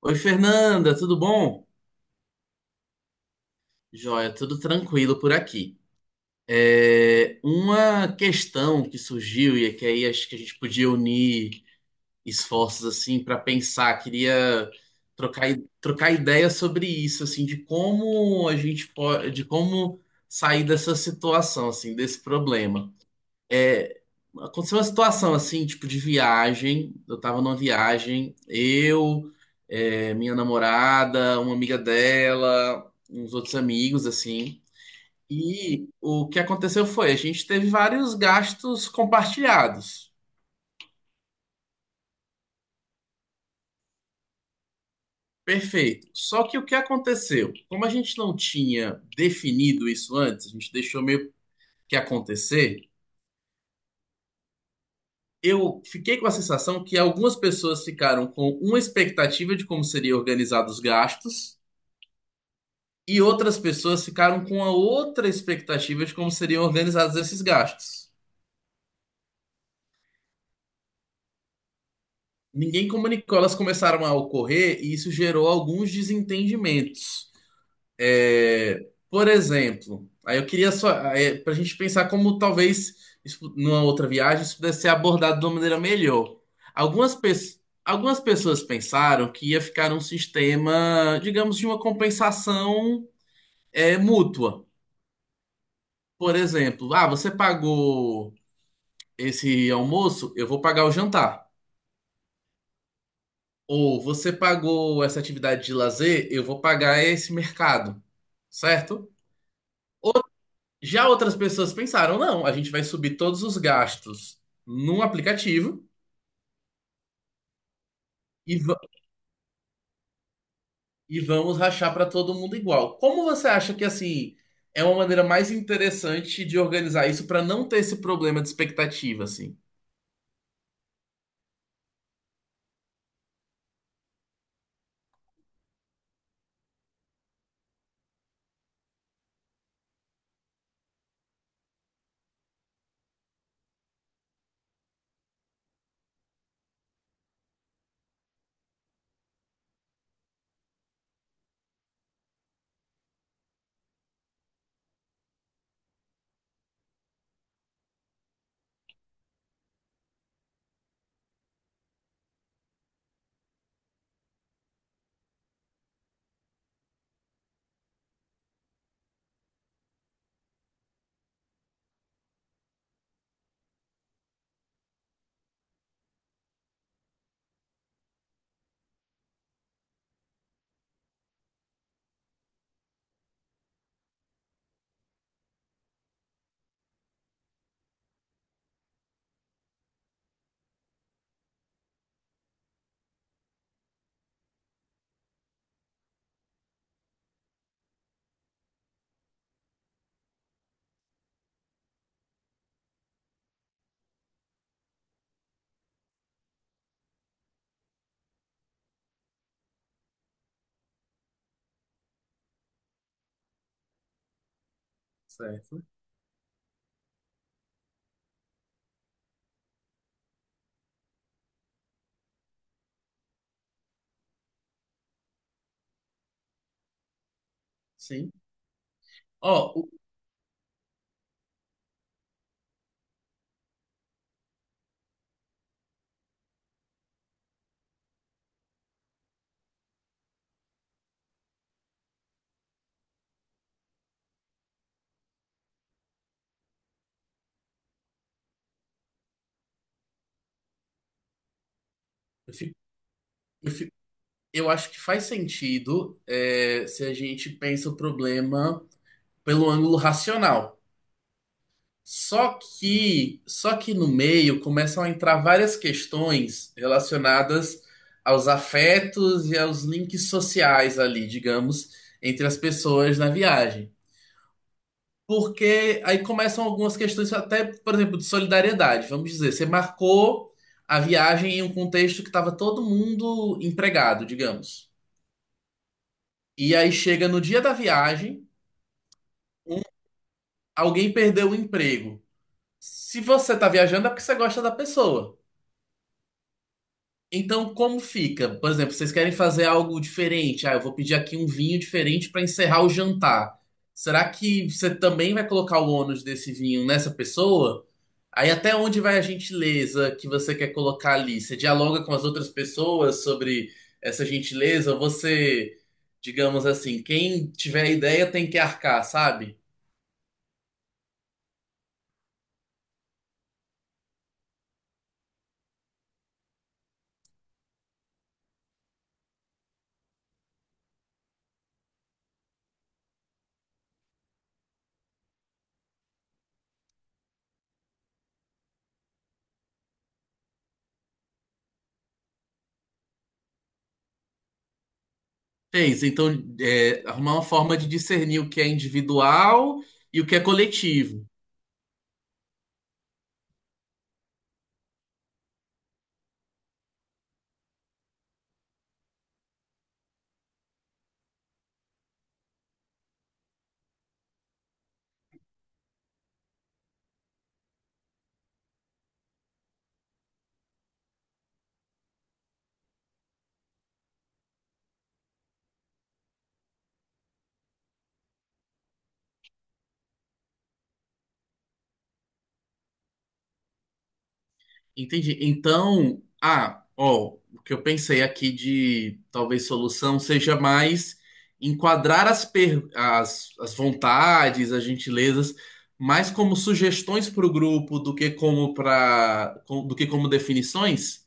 Oi, Fernanda, tudo bom? Joia, tudo tranquilo por aqui. Uma questão que surgiu é que aí acho que a gente podia unir esforços assim para pensar. Queria trocar, trocar ideia sobre isso, assim, de como a gente pode, de como sair dessa situação, assim, desse problema. É, Aconteceu uma situação assim, tipo de viagem. Eu tava numa viagem, eu, minha namorada, uma amiga dela, uns outros amigos, assim. E o que aconteceu foi, a gente teve vários gastos compartilhados. Perfeito. Só que o que aconteceu? Como a gente não tinha definido isso antes, a gente deixou meio que acontecer. Eu fiquei com a sensação que algumas pessoas ficaram com uma expectativa de como seria organizado os gastos, e outras pessoas ficaram com a outra expectativa de como seriam organizados esses gastos. Ninguém comunicou, elas começaram a ocorrer e isso gerou alguns desentendimentos. Por exemplo, aí eu queria só, para a gente pensar como talvez isso, numa outra viagem, isso pudesse ser abordado de uma maneira melhor. Algumas, algumas pessoas pensaram que ia ficar um sistema, digamos, de uma compensação mútua. Por exemplo, ah, você pagou esse almoço, eu vou pagar o jantar. Ou você pagou essa atividade de lazer, eu vou pagar esse mercado, certo? Já outras pessoas pensaram, não, a gente vai subir todos os gastos num aplicativo e, e vamos rachar para todo mundo igual. Como você acha que assim é uma maneira mais interessante de organizar isso para não ter esse problema de expectativa, assim? Certo. Sim. Ó, eu fi- eu fico. Eu acho que faz sentido, se a gente pensa o problema pelo ângulo racional. Só que no meio começam a entrar várias questões relacionadas aos afetos e aos links sociais ali, digamos, entre as pessoas na viagem. Porque aí começam algumas questões, até, por exemplo, de solidariedade. Vamos dizer, você marcou a viagem em um contexto que estava todo mundo empregado, digamos. E aí chega no dia da viagem, um- alguém perdeu o emprego. Se você tá viajando é porque você gosta da pessoa. Então, como fica? Por exemplo, vocês querem fazer algo diferente. Ah, eu vou pedir aqui um vinho diferente para encerrar o jantar. Será que você também vai colocar o ônus desse vinho nessa pessoa? Aí até onde vai a gentileza que você quer colocar ali? Você dialoga com as outras pessoas sobre essa gentileza? Ou você, digamos assim, quem tiver a ideia tem que arcar, sabe? Fez. Então, arrumar uma forma de discernir o que é individual e o que é coletivo. Entendi. Então, ah, ó, o que eu pensei aqui de talvez solução seja mais enquadrar as, as, vontades, as gentilezas, mais como sugestões para o grupo do que como para do que como definições.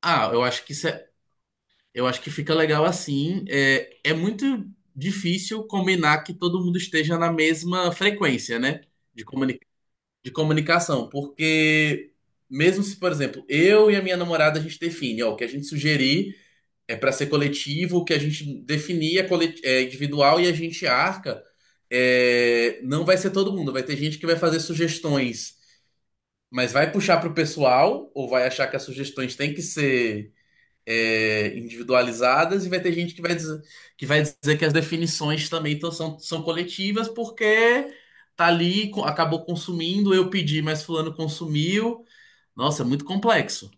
Ah, eu acho que isso é... Eu acho que fica legal assim. É muito difícil combinar que todo mundo esteja na mesma frequência, né? De, comuni de comunicação. Porque, mesmo se, por exemplo, eu e a minha namorada, a gente define, ó, o que a gente sugerir é para ser coletivo, o que a gente definir é, é individual e a gente arca, é, não vai ser todo mundo. Vai ter gente que vai fazer sugestões, mas vai puxar pro pessoal, ou vai achar que as sugestões têm que ser individualizadas, e vai ter gente que vai dizer vai dizer que as definições também são, são coletivas porque tá ali, acabou consumindo, eu pedi, mas fulano consumiu. Nossa, é muito complexo.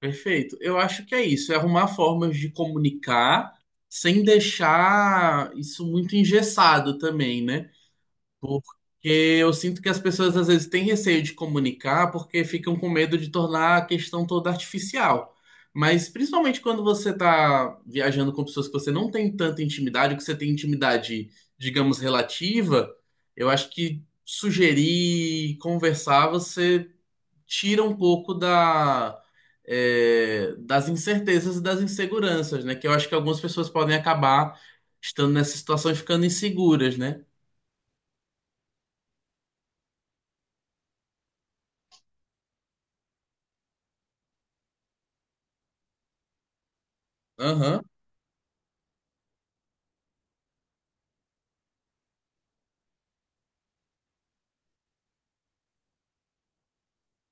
Perfeito. Eu acho que é isso, é arrumar formas de comunicar sem deixar isso muito engessado também, né? Porque eu sinto que as pessoas às vezes têm receio de comunicar porque ficam com medo de tornar a questão toda artificial. Mas principalmente quando você está viajando com pessoas que você não tem tanta intimidade, ou que você tem intimidade, digamos, relativa, eu acho que sugerir, conversar, você tira um pouco da, das incertezas e das inseguranças, né? Que eu acho que algumas pessoas podem acabar estando nessa situação e ficando inseguras, né? Aham,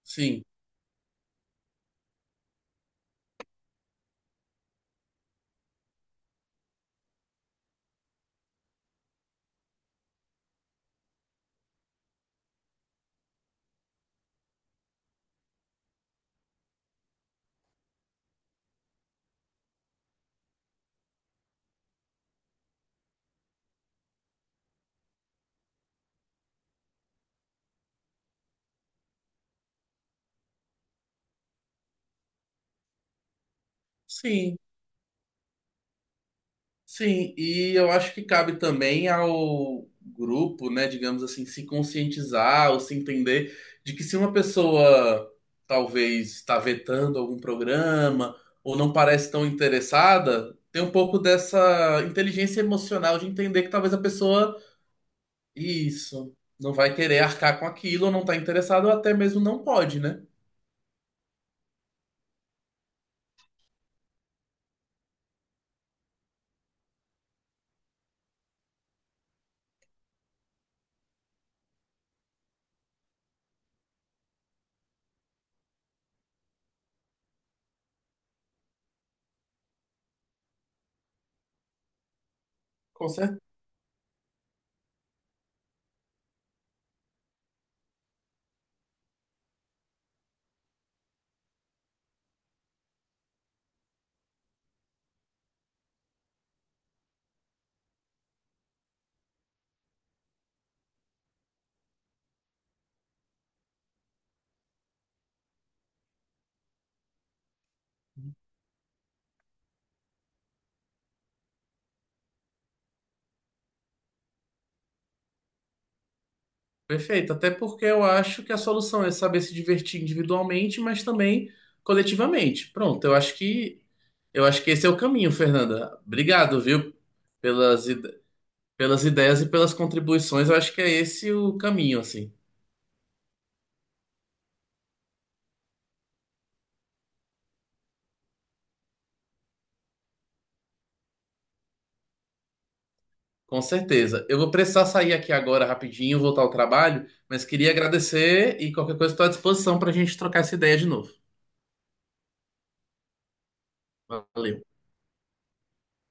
sim. Sim, sim, e eu acho que cabe também ao grupo, né, digamos assim, se conscientizar ou se entender de que se uma pessoa talvez está vetando algum programa ou não parece tão interessada, tem um pouco dessa inteligência emocional de entender que talvez a pessoa, isso, não vai querer arcar com aquilo ou não está interessada ou até mesmo não pode, né? Com... Perfeito, até porque eu acho que a solução é saber se divertir individualmente, mas também coletivamente. Pronto, eu acho que esse é o caminho, Fernanda. Obrigado, viu, pelas ide- pelas ideias e pelas contribuições. Eu acho que é esse o caminho, assim. Com certeza. Eu vou precisar sair aqui agora rapidinho, voltar ao trabalho, mas queria agradecer e qualquer coisa estou à disposição para a gente trocar essa ideia de novo. Valeu.